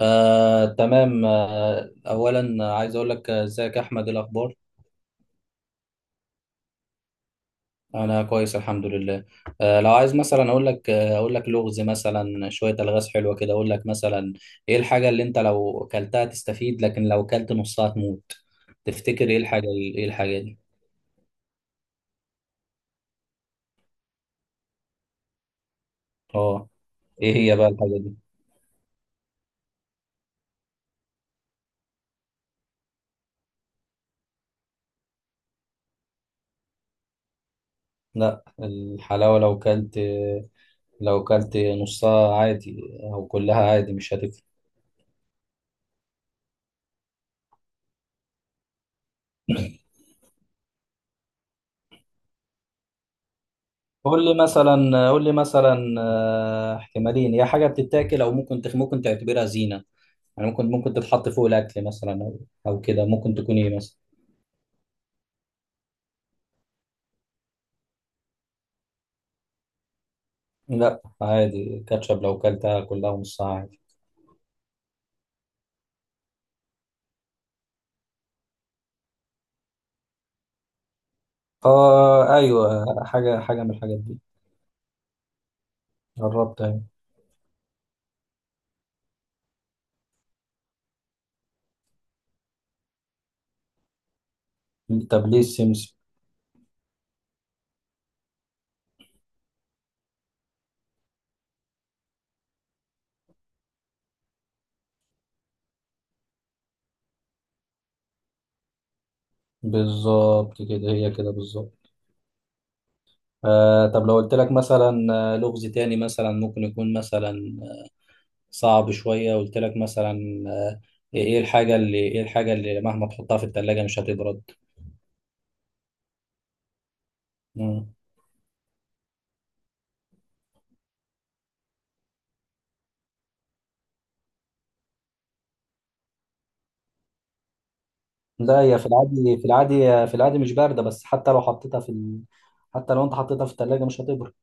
تمام أولا عايز أقول لك، إزيك يا أحمد؟ إيه الأخبار؟ أنا كويس الحمد لله. لو عايز مثلا أقول لك، أقول لك لغز مثلا، شوية ألغاز حلوة كده. أقول لك مثلا: إيه الحاجة اللي أنت لو كلتها تستفيد لكن لو كلت نصها تموت؟ تفتكر إيه الحاجة؟ إيه الحاجة دي؟ أه. إيه هي بقى الحاجة دي؟ لا الحلاوة لو كلت، لو كلت نصها عادي أو كلها عادي، مش هتفرق. قول لي مثلا، قول لي مثلا، احتمالين، يا حاجه بتتاكل او ممكن ممكن تعتبرها زينه. يعني ممكن، ممكن تتحط فوق الاكل مثلا، او او كده. ممكن تكون ايه مثلا؟ لا عادي، كاتشب لو كلتها كلها ونص عادي. اه ايوه، حاجه، حاجه من الحاجات دي. قربت اهي. طب ليه السمسم؟ بالظبط كده، هي كده بالظبط. آه طب لو قلت لك مثلا، لغز تاني، مثلا ممكن يكون مثلا صعب شوية. قلت لك مثلا، ايه الحاجة اللي مهما تحطها في التلاجة مش هتبرد؟ مم. لا هي في العادي، مش باردة، بس حتى لو حطيتها في حتى لو انت حطيتها في التلاجة مش هتبرد.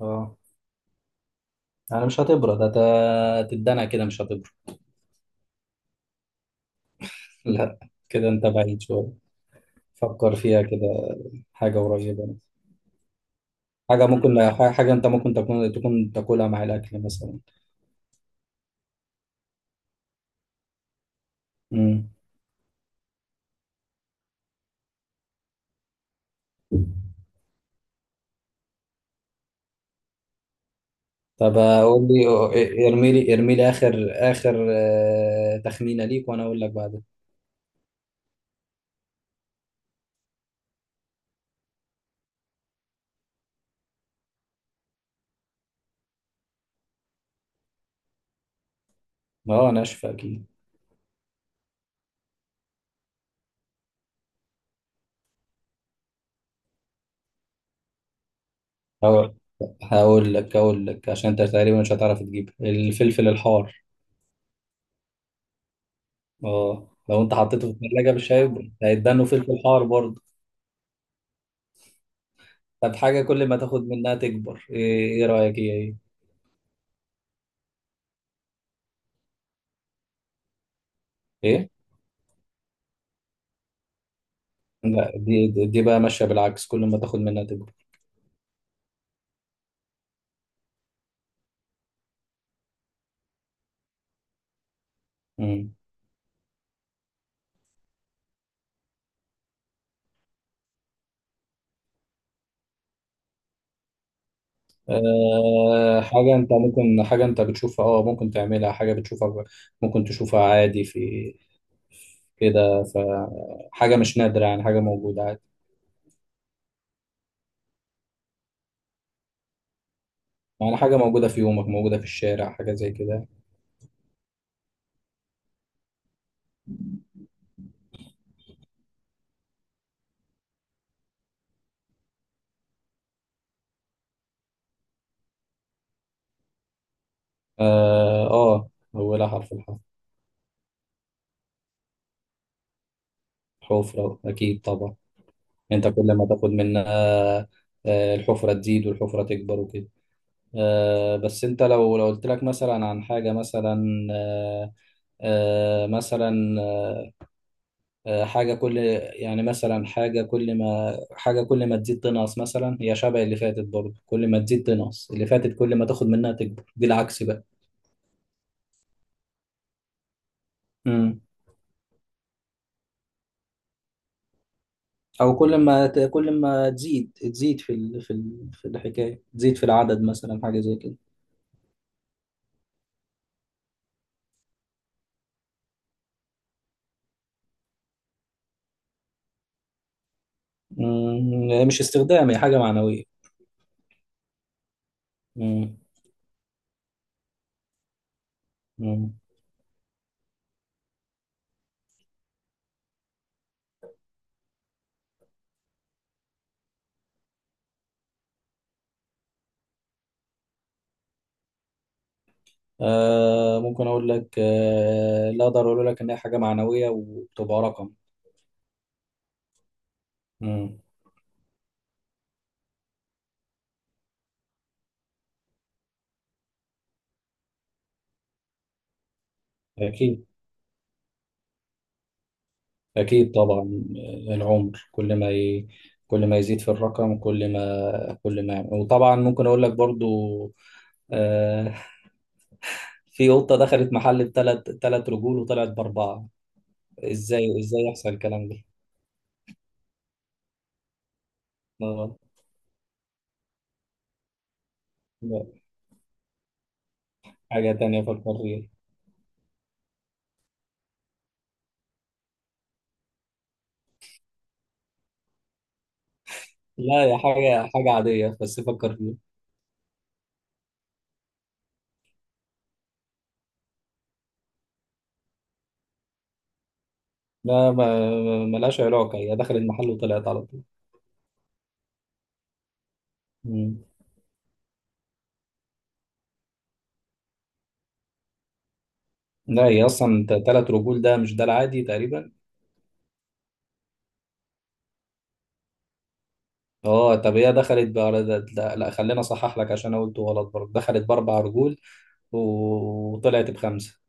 اه يعني مش هتبرد، هتتدلع كده مش هتبرد. لا كده انت بعيد شوية. فكر فيها كده، حاجة قريبة. حاجة ممكن، حاجة انت ممكن تكون تاكلها مع الأكل مثلا. مم. طب اقول لي، ارمي لي، ارمي لي اخر، تخمينه ليك وانا اقول لك بعدها. اه انا اشفى اكيد. هقول هقول لك، هقول لك عشان انت تقريبا مش هتعرف تجيب: الفلفل الحار. اه لو انت حطيته في الثلاجه مش هيكبر، هيتدنوا فلفل حار برضه. طب حاجه كل ما تاخد منها تكبر ايه, إيه رايك هي ايه؟ ايه؟ لا دي بقى ماشيه بالعكس، كل ما تاخد منها تكبر. مم. آه، حاجة أنت ممكن، حاجة أنت بتشوفها، أه ممكن تعملها، حاجة بتشوفها، ممكن تشوفها عادي في كده. فحاجة مش نادرة يعني، حاجة موجودة عادي. يعني حاجة موجودة في يومك، موجودة في الشارع، حاجة زي كده. آه أولها حرف الحرف. حفرة أكيد طبعا. أنت كل ما تاخد منها، الحفرة تزيد، والحفرة تكبر وكده. آه بس أنت لو قلت لك مثلا عن حاجة مثلا، آه آه مثلا آه، حاجة كل، يعني مثلا حاجة كل ما تزيد تنقص مثلا. هي شبه اللي فاتت برضه، كل ما تزيد تنقص. اللي فاتت كل ما تاخد منها تكبر، دي العكس بقى. امم. أو كل ما كل ما تزيد، تزيد في في الحكاية، تزيد في العدد مثلا، حاجة زي كده. مش استخدام، هي حاجة معنوية. امم. امم. آه ممكن أقول لك، آه لا أقدر أقول لك إن هي حاجة معنوية وبتبقى رقم. امم. أكيد، أكيد طبعا. العمر كل ما كل ما يزيد في الرقم، كل ما كل ما وطبعا ممكن أقول لك برضو، آه، في قطة دخلت محل بثلاث، ثلاث رجول، وطلعت بأربعة. إزاي يحصل الكلام ده؟ آه، لا. حاجة تانية فكر فيها. لا يا حاجة، حاجة عادية بس فكر فيها. لا ملهاش علاقة، هي دخلت محل وطلعت على طول. مم. لا هي أصلا ثلاث رجول، ده مش ده العادي تقريبا. اه طب هي دخلت بأر... ده- ده- لا خلينا اصحح لك عشان انا قلته غلط برضه، دخلت باربع رجول، وطلعت بخمسه.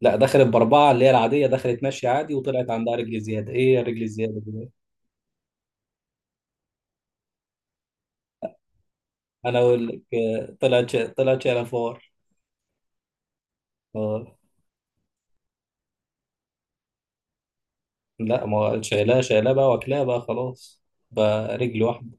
لا دخلت باربعه اللي هي العاديه، دخلت ماشيه عادي، وطلعت عندها رجل زياده. ايه يا رجل زياده دي؟ انا اقول لك، طلعت شايله فار. اه. لا ما هو شايلاه، شايلاه بقى واكلاه بقى خلاص، بقى رجل واحده.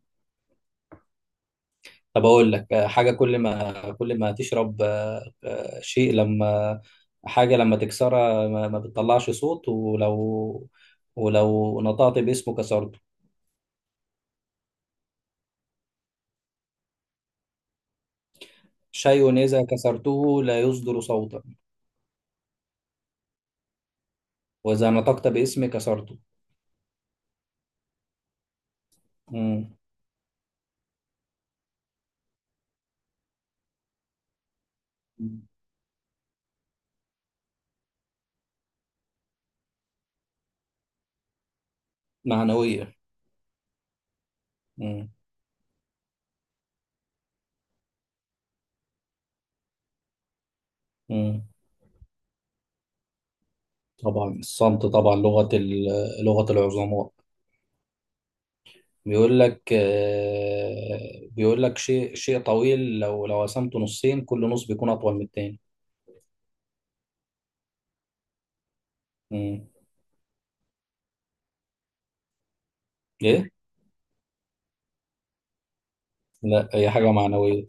طب اقول لك، حاجه كل ما تشرب، شيء لما، حاجه لما تكسرها ما بتطلعش صوت، ولو ولو نطقت باسمه كسرته. شيء اذا كسرته لا يصدر صوتا، واذا نطقت باسمه كسرته. مم. معنويه. مم. مم. طبعا الصمت طبعا، لغه العظماء. بيقول لك، شيء طويل، لو قسمته نصين كل نص بيكون اطول من التاني. مم. ايه؟ لا هي حاجة معنوية.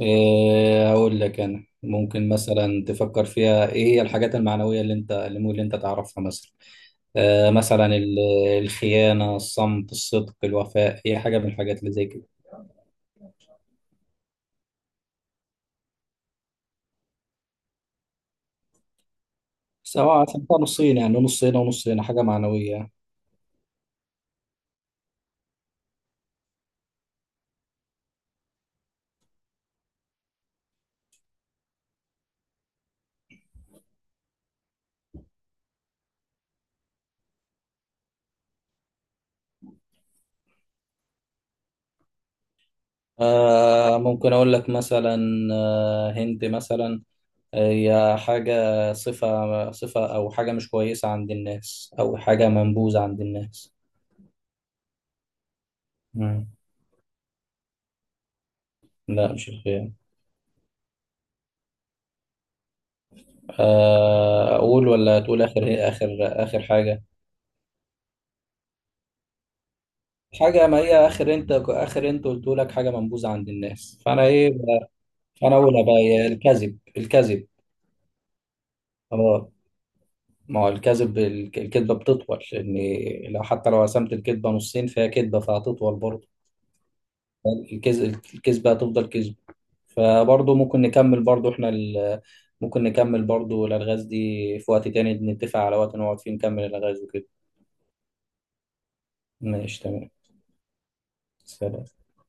إيه أقول لك، أنا ممكن مثلا تفكر فيها، إيه هي الحاجات المعنوية اللي أنت، اللي ممكن أنت تعرفها مثلا. آه مثلا ال- الخيانة، الصمت، الصدق، الوفاء، هي حاجة من الحاجات اللي زي كده. سواء عشان كده نصين، يعني نص هنا ونص هنا، حاجة معنوية يعني. آه ممكن أقول لك مثلا، آه هند مثلا، هي حاجة، صفة أو حاجة مش كويسة عند الناس، أو حاجة منبوذة عند الناس. مم. لا مش الخيانة. اقول ولا تقول؟ اخر، هي اخر اخر حاجه. حاجه، ما هي اخر انت، اخر انت قلت لك حاجه منبوذه عند الناس، فانا ايه بقى، فانا اقولها بقى، هي الكذب. الكذب اه. ما هو الكذب، الكذبه بتطول، لان لو حتى لو قسمت الكذبه نصين فهي كذبه فهتطول برضه. الكذب، الكذبه هتفضل كذب. فبرضه ممكن نكمل برضه احنا ممكن نكمل برضه الالغاز دي في وقت تاني، نتفق على وقت نقعد فيه نكمل الالغاز وكده. ماشي تمام. سلام.